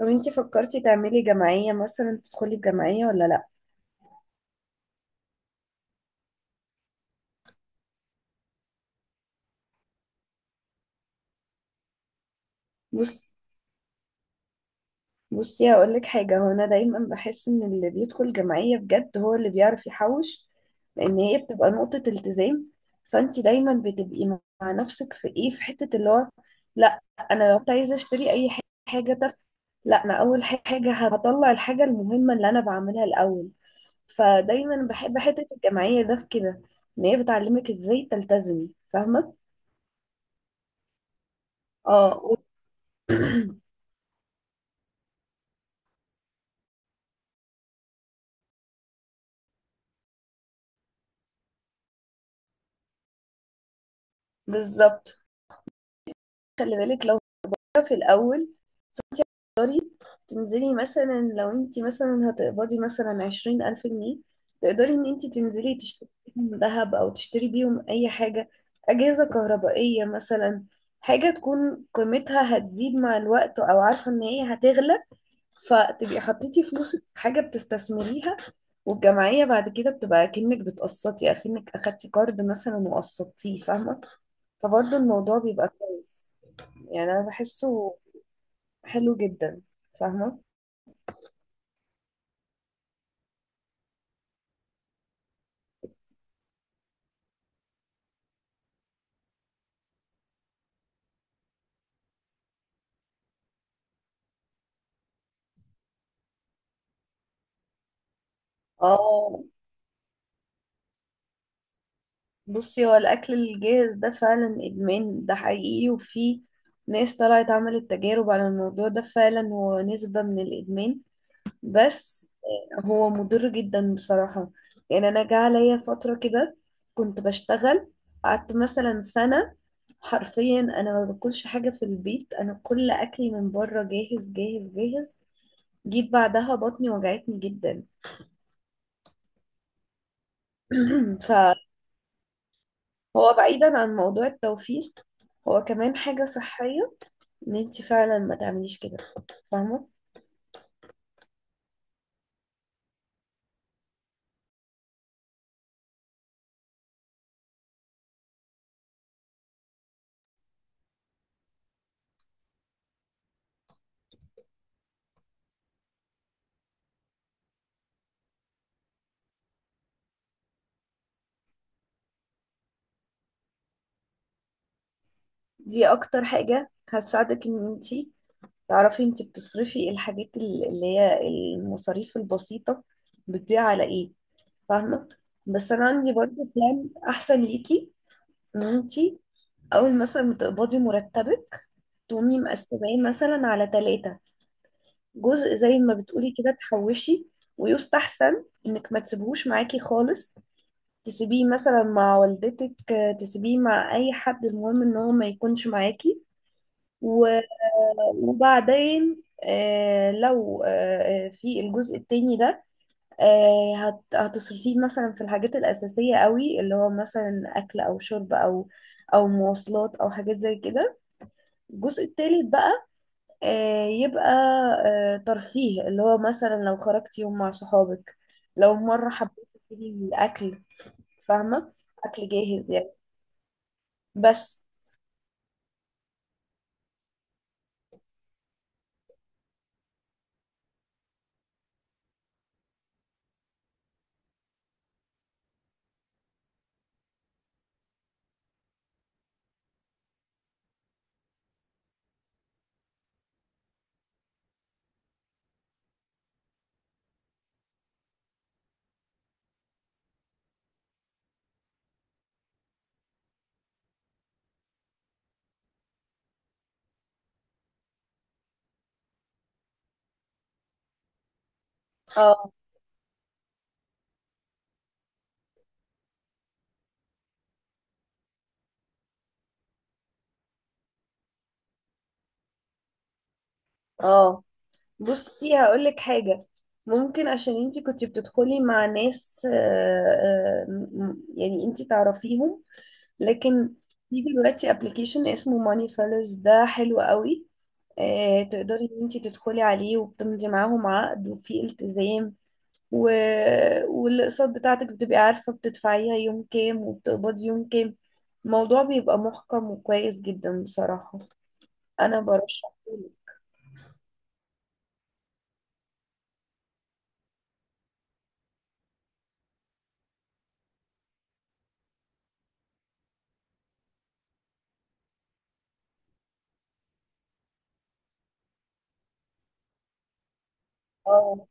طب انتي فكرتي تعملي جمعية مثلا تدخلي في جمعية ولا لا؟ بص بصي هقولك حاجة، هو أنا دايما بحس إن اللي بيدخل جمعية بجد هو اللي بيعرف يحوش، لأن هي بتبقى نقطة التزام. فأنتي دايما بتبقي مع نفسك في إيه، في حتة اللي هو لأ، أنا لو كنت عايزة أشتري أي حاجة تافهة، لأ أنا أول حاجة هطلع الحاجة المهمة اللي أنا بعملها الأول. فدايما بحب حتة الجمعية ده في كده، إن هي بتعلمك إزاي تلتزمي، فاهمة؟ اه بالظبط، خلي بالك، لو في الأول تقدري تنزلي مثلا، لو انت مثلا هتقبضي مثلا 20,000 جنيه، تقدري ان انت تنزلي تشتري بيهم ذهب او تشتري بيهم اي حاجة، اجهزة كهربائية مثلا، حاجة تكون قيمتها هتزيد مع الوقت او عارفة ان هي هتغلى، فتبقي حطيتي فلوسك في حاجة بتستثمريها. والجمعية بعد كده بتبقى كأنك بتقسطي، أكنك أخدتي قرض مثلا وقسطتيه، فاهمة؟ فبرضه الموضوع بيبقى كويس، يعني أنا بحسه حلو جدا، فاهمة؟ اه، بصي، هو الأكل الجاهز ده فعلا إدمان، ده حقيقي، وفي ناس طلعت عملت تجارب على الموضوع ده، فعلا هو نسبة من الإدمان. بس هو مضر جدا بصراحة. يعني أنا جه عليا فترة كده كنت بشتغل، قعدت مثلا سنة، حرفيا أنا ما باكلش حاجة في البيت، أنا كل أكلي من بره جاهز جاهز جاهز. جيت بعدها بطني وجعتني جدا. فهو بعيدا عن موضوع التوفير، هو كمان حاجة صحية، ان انت فعلا ما تعمليش كده، فاهمه؟ دي اكتر حاجه هتساعدك، ان انت تعرفي انت بتصرفي الحاجات اللي هي المصاريف البسيطه بتضيع على ايه، فاهمه؟ بس انا عندي برضو بلان احسن ليكي، ان انت اول مثلا ما تقبضي مرتبك تقومي مقسماه مثلا على ثلاثه. جزء زي ما بتقولي كده تحوشي، ويستحسن انك ما تسيبهوش معاكي خالص، تسيبيه مثلا مع والدتك، تسيبيه مع اي حد، المهم ان هو ما يكونش معاكي. و- وبعدين، لو في الجزء التاني ده هتصرفيه مثلا في الحاجات الأساسية قوي، اللي هو مثلا أكل أو شرب أو مواصلات أو حاجات زي كده. الجزء التالت بقى يبقى ترفيه، اللي هو مثلا لو خرجتي يوم مع صحابك، لو مرة حبيتي تجيبي أكل، فاهمة؟ أكل جاهز يعني، بس. اه، اه، بصي هقولك حاجة، ممكن عشان انتي كنتي بتدخلي مع ناس، يعني انتي تعرفيهم، لكن في دلوقتي ابلكيشن اسمه ماني فيلرز ده حلو قوي. تقدري ان انتي تدخلي عليه وبتمضي معاهم عقد وفي التزام و... والاقساط بتاعتك بتبقي عارفة بتدفعيها يوم كام وبتقبضي يوم كام. الموضوع بيبقى محكم وكويس جدا بصراحة، انا برشحه. اه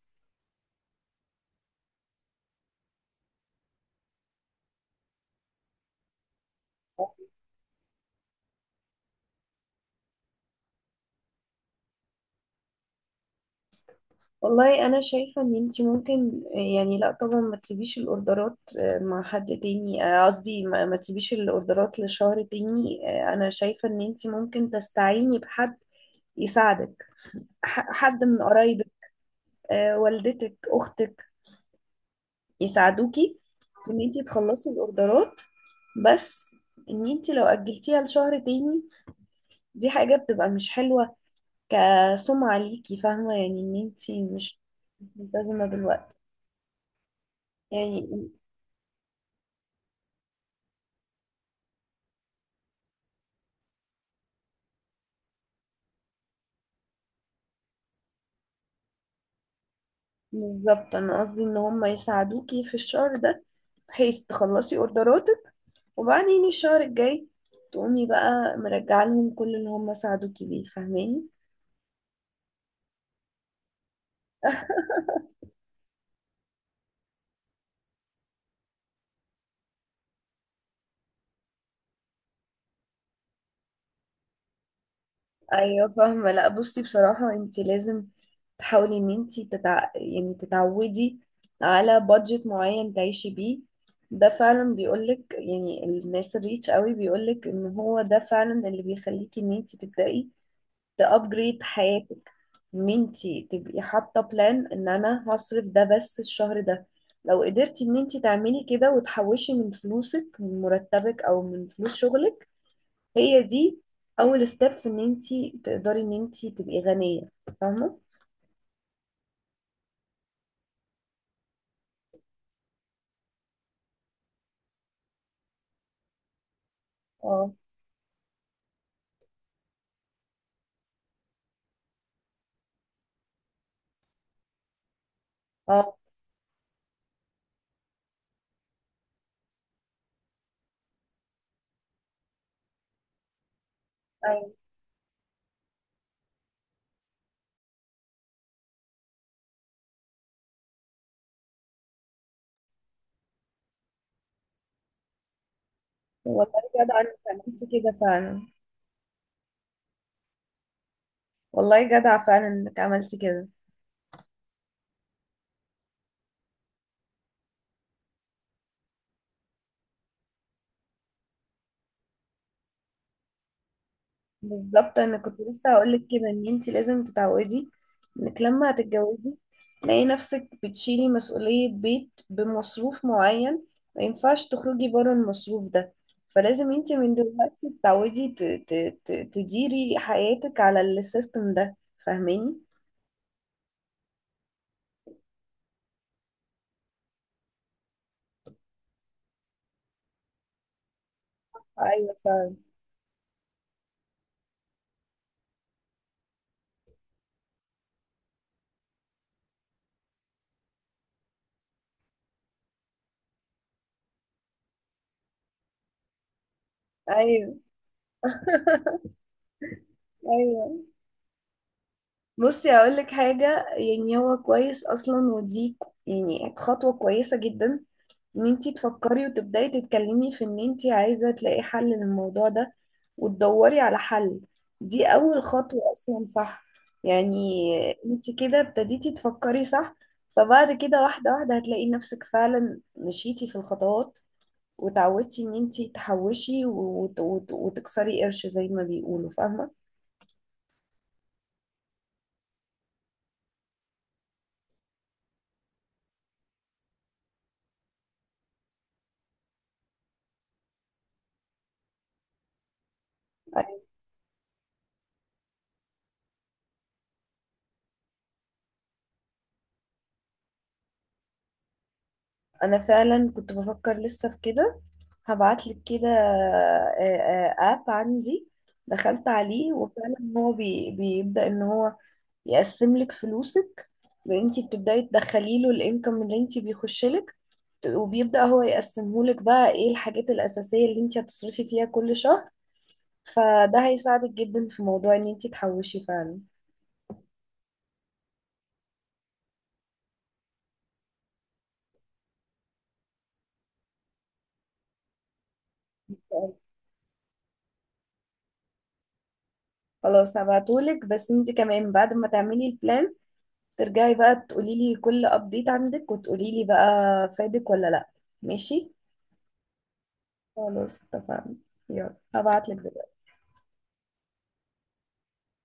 والله، انا شايفه ان انت ممكن، يعني لا طبعا ما تسيبيش الاوردرات مع حد تاني، قصدي ما تسيبيش الاوردرات لشهر تاني. انا شايفه ان انت ممكن تستعيني بحد يساعدك، حد من قرايبك، والدتك، اختك، يساعدوكي في ان انت تخلصي الاوردرات. بس ان انت لو اجلتيها لشهر تاني دي حاجه بتبقى مش حلوه، كسمعه ليكي، فاهمه؟ يعني ان انت مش مش ملتزمه بالوقت يعني. بالظبط، انا قصدي ان هم يساعدوكي في الشهر ده بحيث تخلصي اوردراتك، وبعدين الشهر الجاي تقومي بقى مرجعه لهم كل اللي هم ساعدوكي بيه، فاهماني؟ ايوه، فاهمه، لا بصي بصراحه انت لازم تحاولي ان انت يعني تتعودي على بادجت معين تعيشي بيه. ده فعلا بيقولك يعني الناس الريتش قوي، بيقولك ان هو ده فعلا اللي بيخليكي ان انت تبدأي تابجريد حياتك، ان انتي تبقي حاطه بلان، ان انا هصرف ده بس الشهر ده. لو قدرتي ان انتي تعملي كده وتحوشي من فلوسك، من مرتبك او من فلوس شغلك، هي دي اول ستيب في ان انتي تقدري ان انتي تبقي غنيه، فاهمه؟ اه، اه، ايوه، والله جدع انك عملتي كده فعلا، والله جدع فعلا انك عملتي كده. بالظبط، انا كنت لسه هقول لك كده، ان انت لازم تتعودي انك لما هتتجوزي تلاقي نفسك بتشيلي مسؤولية بيت بمصروف معين، ما ينفعش تخرجي بره المصروف ده، فلازم انت من دلوقتي تتعودي تديري حياتك على السيستم ده، فاهماني؟ ايوه، فاهم، ايوه ايوه. بصي اقول لك حاجه، يعني هو كويس اصلا، ودي يعني خطوه كويسه جدا ان انتي تفكري وتبداي تتكلمي في ان انتي عايزه تلاقي حل للموضوع ده وتدوري على حل، دي اول خطوه اصلا، صح؟ يعني انتي كده ابتديتي تفكري، صح؟ فبعد كده واحده واحده هتلاقي نفسك فعلا مشيتي في الخطوات، وتعودتي ان انتي تحوشي وتكسري قرش زي ما بيقولوا، فاهمه؟ أيوة. انا فعلا كنت بفكر لسه في كده، هبعتلك كده، اب عندي دخلت عليه، وفعلا هو بيبدأ ان هو يقسم لك فلوسك، انت بتبدأي تدخلي له الانكم اللي انت بيخش لك، وبيبدأ هو يقسمه لك بقى ايه الحاجات الأساسية اللي انت هتصرفي فيها كل شهر، فده هيساعدك جدا في موضوع ان انت تحوشي فعلا. خلاص هبعتهولك، بس انت كمان بعد ما تعملي البلان ترجعي بقى تقولي لي كل ابديت عندك وتقولي لي بقى فادك ولا لا. ماشي، خلاص اتفقنا، يلا هبعتلك دلوقتي.